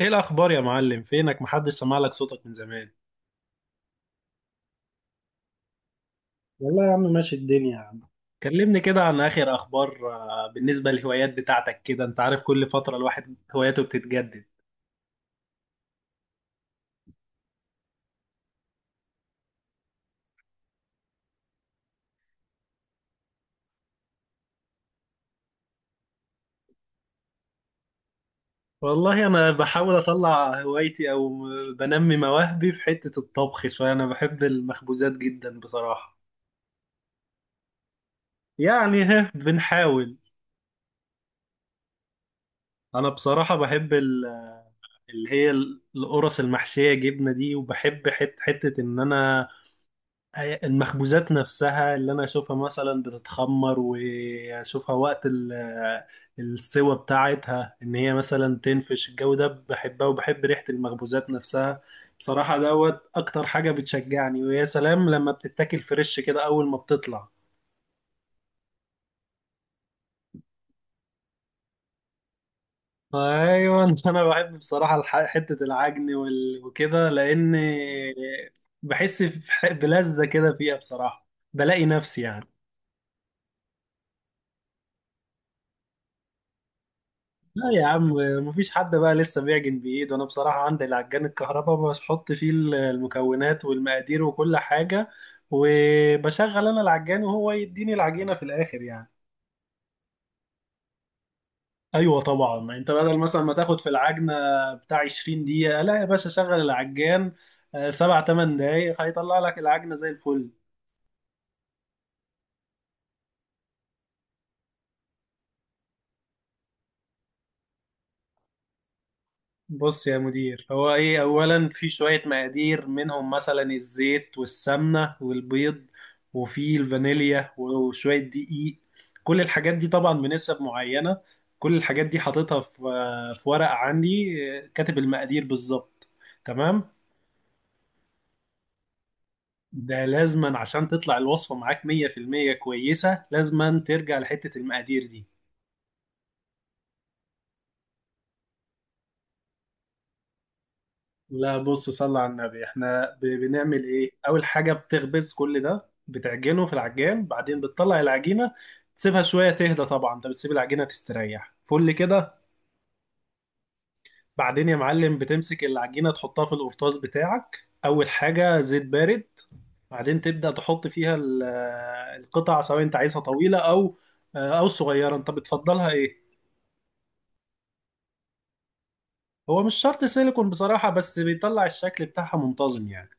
ايه الاخبار يا معلم؟ فينك؟ محدش سمع لك صوتك من زمان. والله يا عم، ماشي الدنيا يا عم. كلمني كده عن اخر اخبار. بالنسبه للهوايات بتاعتك كده، انت عارف كل فتره الواحد هواياته بتتجدد. والله انا بحاول اطلع هوايتي او بنمي مواهبي في حته الطبخ شويه. انا بحب المخبوزات جدا بصراحه. يعني ها بنحاول. انا بصراحه بحب اللي هي القرص المحشيه جبنه دي، وبحب حته ان انا المخبوزات نفسها اللي انا اشوفها مثلا بتتخمر، واشوفها وقت السوى بتاعتها ان هي مثلا تنفش الجو ده، بحبها وبحب ريحة المخبوزات نفسها. بصراحة دوت اكتر حاجة بتشجعني، ويا سلام لما بتتاكل فريش كده اول ما بتطلع. ايوه. انا بحب بصراحة حتة العجن وكده، لان بحس بلذة كده فيها بصراحة. بلاقي نفسي يعني. لا يا عم. مفيش حد بقى لسه بيعجن بايده. انا بصراحه عندي العجان الكهرباء، بحط فيه المكونات والمقادير وكل حاجه، وبشغل انا العجان وهو يديني العجينه في الاخر يعني. ايوه طبعا، انت بدل مثلا ما تاخد في العجنه بتاع 20 دقيقه، لا يا باشا، شغل العجان، 7 8 دقايق هيطلع لك العجنه زي الفل. بص يا مدير، هو ايه، اولا في شوية مقادير، منهم مثلا الزيت والسمنة والبيض، وفي الفانيليا وشوية دقيق. كل الحاجات دي طبعا بنسب معينة. كل الحاجات دي حاططها في ورقة عندي، كاتب المقادير بالظبط. تمام. ده لازما عشان تطلع الوصفة معاك 100% كويسة، لازما ترجع لحتة المقادير دي. لا بص، صلى على النبي، احنا بنعمل ايه، اول حاجه بتخبز كل ده، بتعجنه في العجان، بعدين بتطلع العجينه تسيبها شويه تهدى، طبعا انت بتسيب العجينه تستريح فل كده. بعدين يا معلم بتمسك العجينه تحطها في القرطاس بتاعك، اول حاجه زيت بارد. بعدين تبدا تحط فيها القطع، سواء انت عايزها طويله او صغيره، انت بتفضلها ايه؟ هو مش شرط سيليكون بصراحه، بس بيطلع الشكل بتاعها منتظم يعني.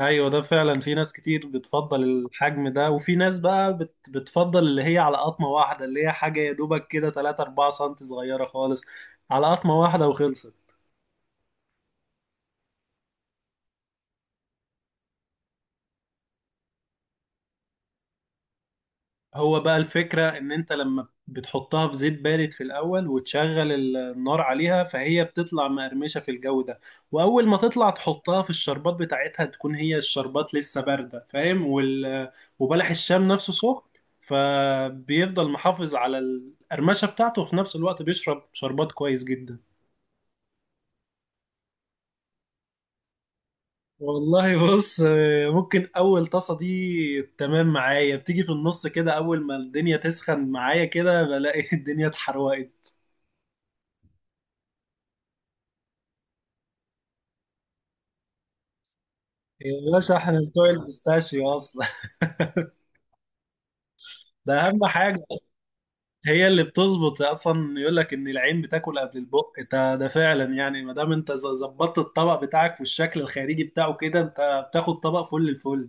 ايوه، ده فعلا في ناس كتير بتفضل الحجم ده، وفي ناس بقى بتفضل اللي هي على قطمة واحدة، اللي هي حاجة يا دوبك كده 3 4 سم، صغيرة خالص على قطمة واحدة وخلصت. هو بقى الفكرة ان انت لما بتحطها في زيت بارد في الاول، وتشغل النار عليها، فهي بتطلع مقرمشة في الجو ده. واول ما تطلع تحطها في الشربات بتاعتها، تكون هي الشربات لسه باردة، فاهم؟ وبلح الشام نفسه سخن، فبيفضل محافظ على القرمشة بتاعته، وفي نفس الوقت بيشرب شربات كويس جدا. والله بص، ممكن اول طاسة دي تمام معايا، بتيجي في النص كده، اول ما الدنيا تسخن معايا كده بلاقي الدنيا اتحرقت. يا باشا، احنا بتوع البيستاشيو اصلا. ده اهم حاجه. هي اللي بتظبط اصلا، يقول لك ان العين بتاكل قبل البق، ده فعلا يعني، ما دام انت ظبطت الطبق بتاعك والشكل الخارجي بتاعه كده، انت بتاخد طبق فل الفل.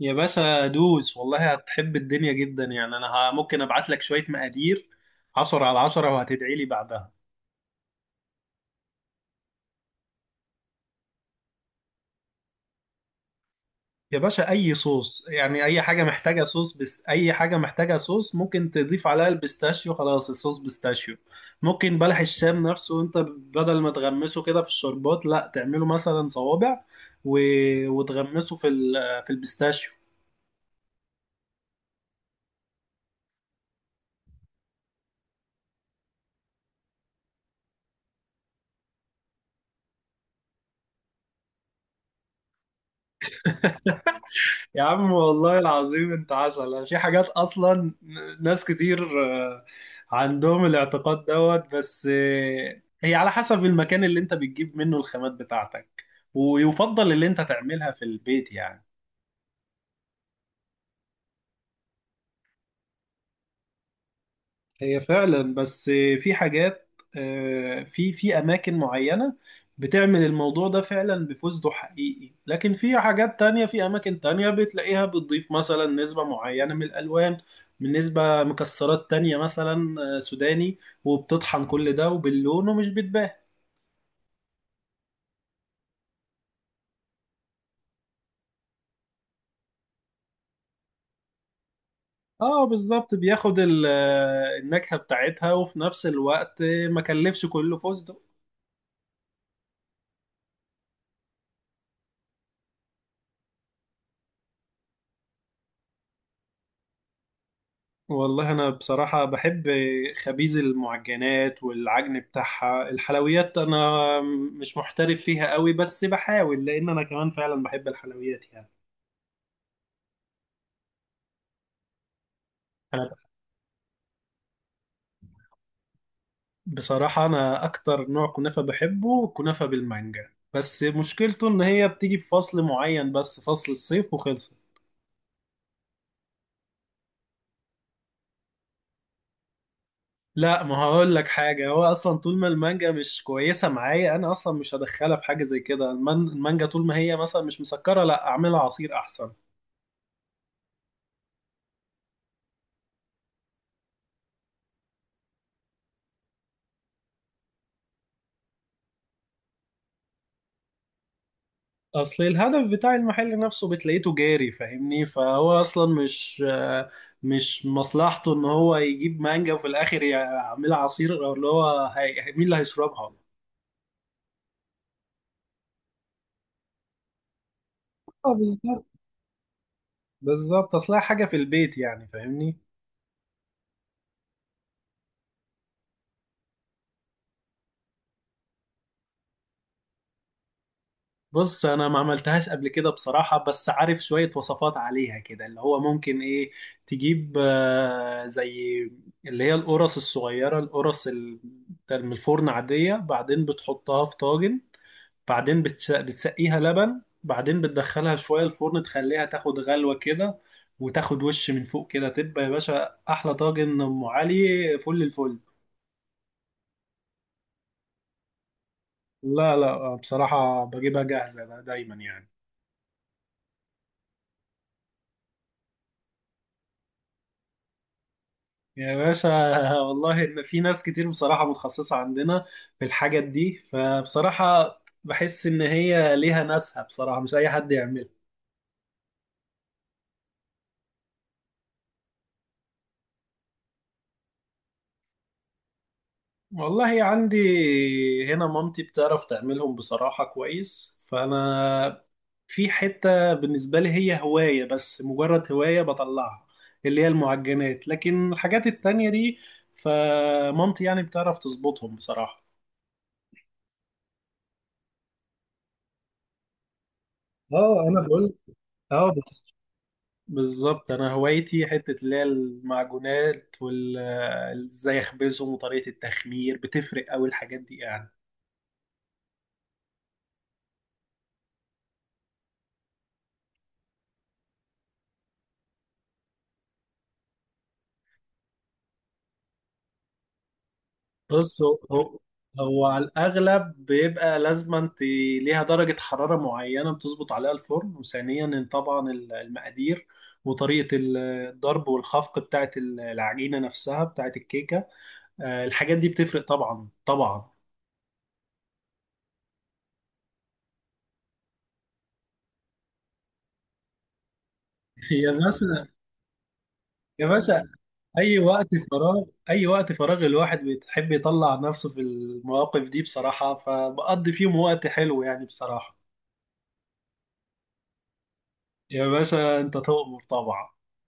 يا باشا دوس، والله هتحب الدنيا جدا يعني. انا ممكن ابعت لك شويه مقادير 10 على 10 وهتدعي لي بعدها. يا باشا، اي صوص يعني، اي حاجه محتاجه صوص، بس اي حاجه محتاجه صوص ممكن تضيف عليها البيستاشيو، خلاص الصوص بيستاشيو. ممكن بلح الشام نفسه، انت بدل ما تغمسه كده في الشربات، لا تعمله مثلا صوابع و... وتغمسه في في البيستاشيو. يا عم والله العظيم، انت عسل في حاجات اصلا. ناس كتير عندهم الاعتقاد دوت، بس هي على حسب المكان اللي انت بتجيب منه الخامات بتاعتك، ويفضل اللي انت تعملها في البيت يعني. هي فعلا، بس في حاجات، في في اماكن معينه بتعمل الموضوع ده فعلا بفوزده حقيقي، لكن في حاجات تانية في اماكن تانية بتلاقيها بتضيف مثلا نسبه معينه من الالوان، من نسبه مكسرات تانية مثلا، سوداني، وبتطحن كل ده وباللون، ومش بتبان. اه بالظبط، بياخد النكهه بتاعتها، وفي نفس الوقت ما كلفش كله فوزده. والله أنا بصراحة بحب خبيز المعجنات والعجن بتاعها. الحلويات أنا مش محترف فيها قوي، بس بحاول لأن أنا كمان فعلا بحب الحلويات يعني. أنا بصراحة أنا أكتر نوع كنافة بحبه كنافة بالمانجا، بس مشكلته إن هي بتيجي في فصل معين بس، فصل الصيف وخلصت. لا، ما هقول لك حاجة، هو أصلا طول ما المانجا مش كويسة معايا، أنا أصلا مش هدخلها في حاجة زي كده. المانجا طول ما هي مثلا مش مسكرة، لا أعملها عصير أحسن. اصل الهدف بتاع المحل نفسه بتلاقيته جاري، فاهمني؟ فهو اصلا مش مصلحته ان هو يجيب مانجا وفي الاخر يعملها عصير، او اللي هو مين اللي هيشربها. اه بالظبط. بالظبط اصلها حاجه في البيت يعني، فاهمني. بص انا ما عملتهاش قبل كده بصراحه، بس عارف شويه وصفات عليها كده، اللي هو ممكن ايه، تجيب زي اللي هي القرص الصغيره، القرص بتاع من الفرن عاديه، بعدين بتحطها في طاجن، بعدين بتسقيها لبن، بعدين بتدخلها شوية الفرن تخليها تاخد غلوة كده، وتاخد وش من فوق كده، تبقى يا باشا أحلى طاجن أم علي فل الفل. لا، لا، بصراحة بجيبها جاهزة دايما يعني. يا باشا. والله إن في ناس كتير بصراحة متخصصة عندنا في الحاجات دي، فبصراحة بحس إن هي ليها ناسها، بصراحة مش أي حد يعملها. والله عندي هنا، مامتي بتعرف تعملهم بصراحة كويس، فأنا في حتة بالنسبة لي هي هواية، بس مجرد هواية بطلعها، اللي هي المعجنات، لكن الحاجات التانية دي فمامتي يعني بتعرف تظبطهم بصراحة. اه، انا بقول، اه بالظبط أنا هوايتي حتة اللي هي المعجونات إزاي أخبزهم، وطريقة التخمير بتفرق أوي الحاجات دي يعني. بص هو على الأغلب بيبقى لازما انت ليها درجة حرارة معينة بتظبط عليها الفرن، وثانيا طبعا المقادير، وطريقة الضرب والخفق بتاعت العجينة نفسها بتاعت الكيكة. الحاجات دي بتفرق طبعا طبعا. يا باشا. يا باشا، أي وقت فراغ، أي وقت فراغ الواحد بيحب يطلع نفسه في المواقف دي بصراحة، فبقضي فيهم وقت حلو يعني بصراحة. يا باشا، أنت تؤمر طبعا.